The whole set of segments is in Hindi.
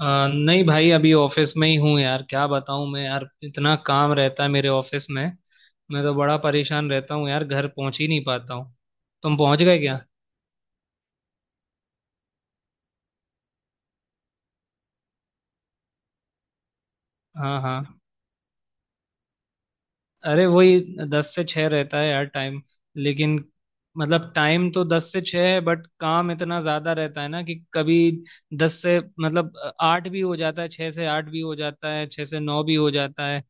अ, नहीं भाई अभी ऑफिस में ही हूँ यार। क्या बताऊँ मैं यार, इतना काम रहता है मेरे ऑफिस में। मैं तो बड़ा परेशान रहता हूँ यार, घर पहुँच ही नहीं पाता हूँ। तुम पहुँच गए क्या? हाँ, हाँ। अरे वही, 10 से 6 रहता है यार टाइम। लेकिन मतलब टाइम तो 10 से 6 है, बट काम इतना ज्यादा रहता है ना कि कभी दस से मतलब आठ भी हो जाता है, 6 से 8 भी हो जाता है, 6 से 9 भी हो जाता है।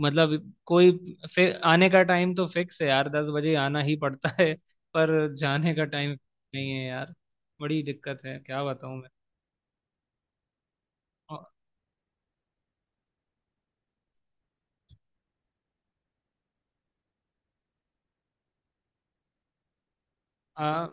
मतलब कोई, फिर आने का टाइम तो फिक्स है यार, 10 बजे आना ही पड़ता है। पर जाने का टाइम नहीं है यार। बड़ी दिक्कत है, क्या बताऊं मैं। और- आ,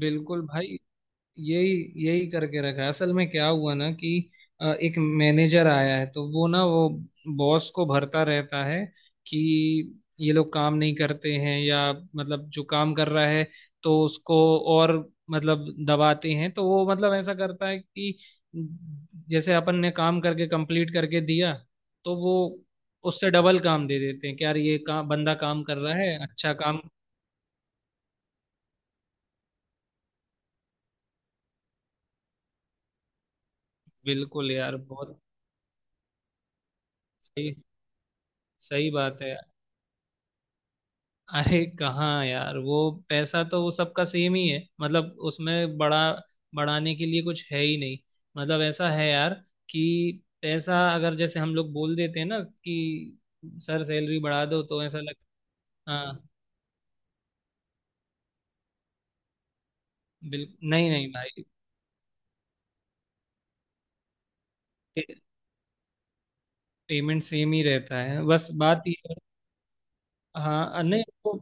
बिल्कुल भाई, यही यही करके रखा है। असल में क्या हुआ ना कि एक मैनेजर आया है, तो वो बॉस को भरता रहता है कि ये लोग काम नहीं करते हैं, या मतलब जो काम कर रहा है तो उसको और मतलब दबाते हैं। तो वो मतलब ऐसा करता है कि जैसे अपन ने काम करके कंप्लीट करके दिया, तो वो उससे डबल काम दे देते हैं कि यार ये काम बंदा काम कर रहा है, अच्छा काम। बिल्कुल यार, बहुत सही। सही बात है। अरे कहाँ यार, वो पैसा तो वो सबका सेम ही है, मतलब उसमें बड़ा बढ़ाने के लिए कुछ है ही नहीं। मतलब ऐसा है यार, कि पैसा अगर जैसे हम लोग बोल देते हैं ना कि सर सैलरी बढ़ा दो, तो ऐसा लग। हाँ। बिल्कुल, नहीं, नहीं भाई, पे, पेमेंट सेम ही रहता है, बस बात ये है। हाँ नहीं वो,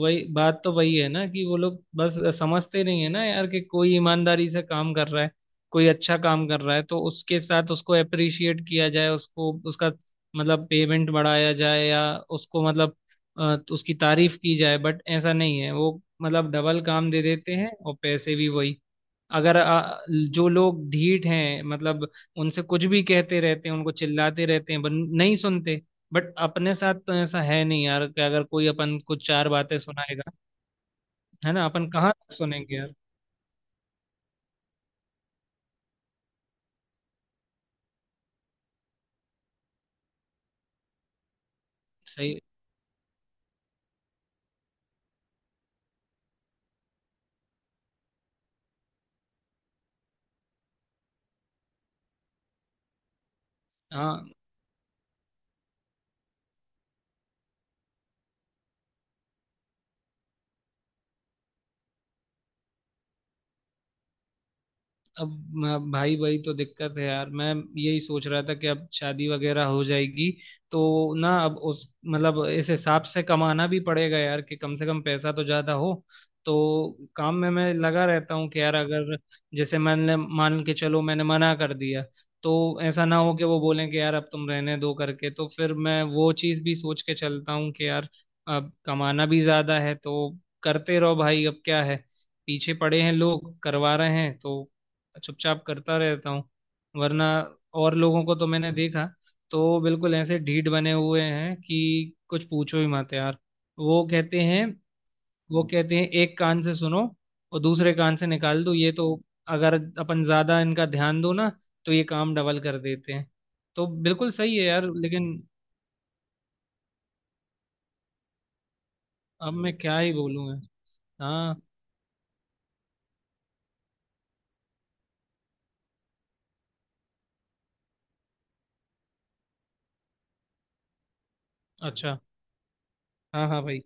वही बात तो वही है ना कि वो लोग बस समझते नहीं है ना यार, कि कोई ईमानदारी से काम कर रहा है, कोई अच्छा काम कर रहा है, तो उसके साथ उसको अप्रिशिएट किया जाए, उसको उसका मतलब पेमेंट बढ़ाया जाए, या उसको मतलब उसकी तारीफ की जाए। बट ऐसा नहीं है, वो मतलब डबल काम दे देते हैं और पैसे भी वही। अगर जो लोग ढीठ हैं मतलब, उनसे कुछ भी कहते रहते हैं, उनको चिल्लाते रहते हैं, पर नहीं सुनते। बट अपने साथ तो ऐसा है नहीं यार कि अगर कोई अपन को चार बातें सुनाएगा, है ना, अपन कहाँ तक सुनेंगे यार। सही। हाँ। अब भाई भाई तो दिक्कत है यार, मैं यही सोच रहा था कि अब शादी वगैरह हो जाएगी, तो ना अब उस मतलब इस हिसाब से कमाना भी पड़ेगा यार कि कम से कम पैसा तो ज्यादा हो। तो काम में मैं लगा रहता हूँ कि यार, अगर जैसे मैंने मान के चलो मैंने मना कर दिया, तो ऐसा ना हो कि वो बोलें कि यार अब तुम रहने दो करके, तो फिर मैं वो चीज़ भी सोच के चलता हूँ कि यार अब कमाना भी ज्यादा है, तो करते रहो भाई। अब क्या है, पीछे पड़े हैं लोग, करवा रहे हैं तो चुपचाप करता रहता हूँ। वरना और लोगों को तो मैंने देखा, तो बिल्कुल ऐसे ढीठ बने हुए हैं कि कुछ पूछो ही मत यार। वो कहते हैं वो कहते हैं एक कान से सुनो और दूसरे कान से निकाल दो। ये तो अगर अपन ज्यादा इनका ध्यान दो ना तो ये काम डबल कर देते हैं। तो बिल्कुल सही है यार, लेकिन अब मैं क्या ही बोलूँ। हाँ। अच्छा। हाँ, हाँ भाई।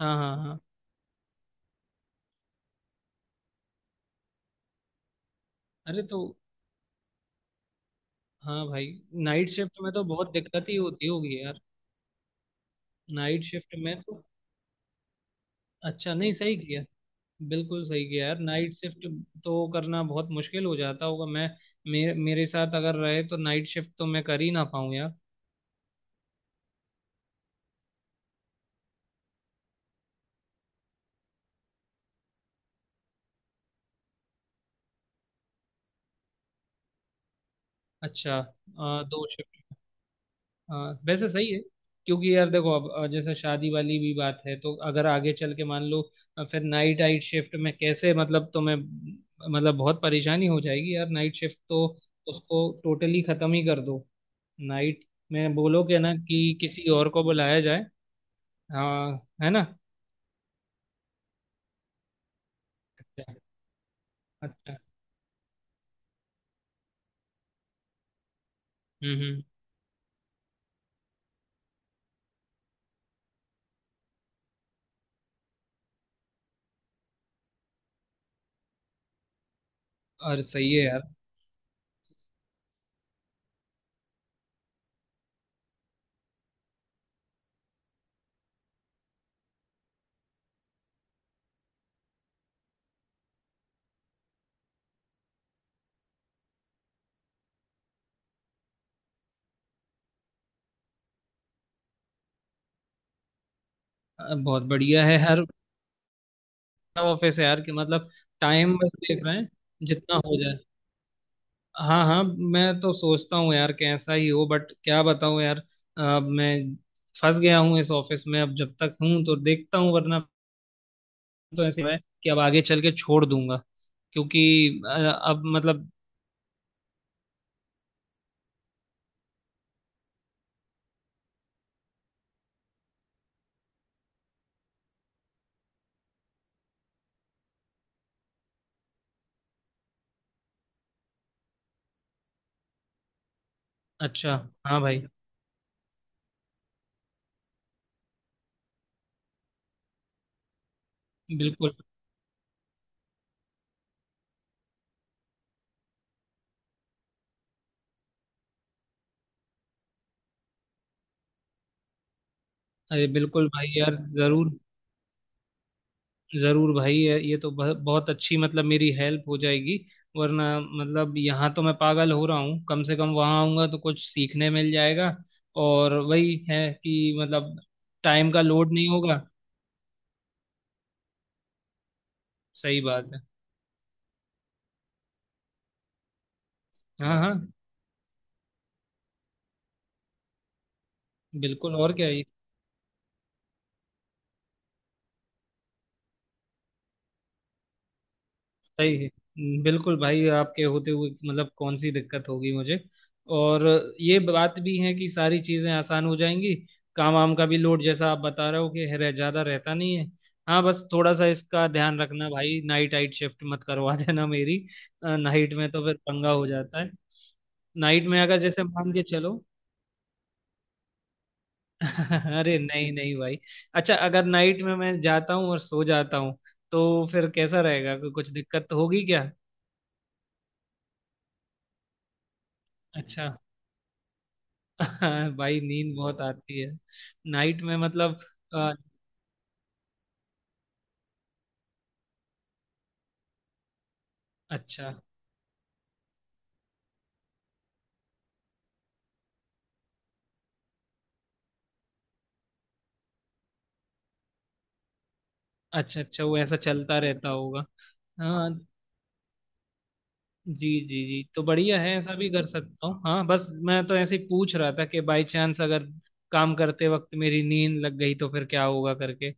हाँ, हाँ, हाँ। अरे तो। हाँ भाई, नाइट शिफ्ट में तो बहुत दिक्कत ही होती होगी यार। नाइट शिफ्ट में तो, अच्छा, नहीं, सही किया, बिल्कुल सही किया यार। नाइट शिफ्ट तो करना बहुत मुश्किल हो जाता होगा। मैं मेरे मेरे साथ अगर रहे तो नाइट शिफ्ट तो मैं कर ही ना पाऊँ यार। अच्छा, दो शिफ्ट। वैसे सही है, क्योंकि यार देखो अब जैसे शादी वाली भी बात है, तो अगर आगे चल के मान लो फिर नाइट आइट शिफ्ट में कैसे मतलब तुम्हें, मतलब बहुत परेशानी हो जाएगी यार, नाइट शिफ्ट तो उसको टोटली खत्म ही कर दो। नाइट में बोलो कि ना कि किसी और को बुलाया जाए। हाँ। है ना। अच्छा, अच्छा। हम्म, हम्म। और सही है यार। बहुत बढ़िया है, हर ऑफिस है यार कि मतलब टाइम बस देख रहे हैं जितना हो जाए। हाँ, हाँ। मैं तो सोचता हूँ यार कैसा ही हो, बट क्या बताऊँ यार, अब मैं फंस गया हूँ इस ऑफिस में। अब जब तक हूँ तो देखता हूँ, वरना तो ऐसे है कि अब आगे चल के छोड़ दूंगा। क्योंकि अब मतलब, अच्छा। हाँ भाई, बिल्कुल। अरे बिल्कुल भाई यार, जरूर, जरूर भाई। ये तो बहुत अच्छी मतलब मेरी हेल्प हो जाएगी। वरना मतलब यहाँ तो मैं पागल हो रहा हूँ, कम से कम वहाँ आऊँगा तो कुछ सीखने मिल जाएगा। और वही है कि मतलब टाइम का लोड नहीं होगा। सही बात है। हाँ, हाँ। बिल्कुल, और क्या। सही है। बिल्कुल भाई, आपके होते हुए मतलब कौन सी दिक्कत होगी मुझे। और ये बात भी है कि सारी चीज़ें आसान हो जाएंगी, काम वाम का भी लोड, जैसा आप बता रहे हो कि है- रह ज़्यादा रहता नहीं है। हाँ बस थोड़ा सा इसका ध्यान रखना भाई, नाइट आइट शिफ्ट मत करवा देना मेरी। नाइट में तो फिर पंगा हो जाता है। नाइट में अगर जैसे मान के चलो। अरे, नहीं, नहीं भाई। अच्छा, अगर नाइट में मैं जाता हूँ और सो जाता हूँ, तो फिर कैसा रहेगा, कुछ दिक्कत तो होगी क्या? अच्छा। हाँ भाई, नींद बहुत आती है नाइट में मतलब। अ, अच्छा, अच्छा। अच्छा, वो ऐसा चलता रहता होगा। हाँ। जी, जी, जी, तो बढ़िया है, ऐसा भी कर सकता हूँ। हाँ बस मैं तो ऐसे ही पूछ रहा था कि बाय चांस अगर काम करते वक्त मेरी नींद लग गई तो फिर क्या होगा करके,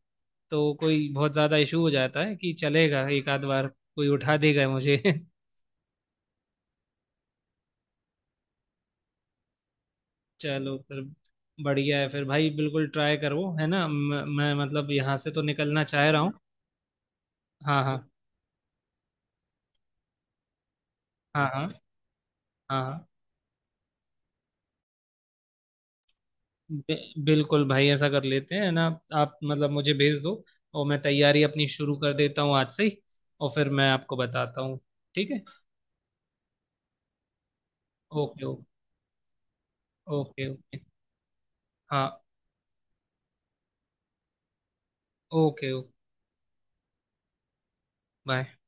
तो कोई बहुत ज़्यादा इशू हो जाता है कि चलेगा, एक आध बार कोई उठा देगा मुझे। चलो फिर, बढ़िया है फिर भाई, बिल्कुल ट्राई करो है ना। मैं मतलब यहाँ से तो निकलना चाह रहा हूँ। हाँ, हाँ, हाँ, हाँ, हाँ। बिल्कुल भाई, ऐसा कर लेते हैं ना। आप मतलब मुझे भेज दो, और मैं तैयारी अपनी शुरू कर देता हूँ आज से ही, और फिर मैं आपको बताता हूँ। ठीक है। Okay, okay. Okay, okay. हाँ। Okay, okay. बाय।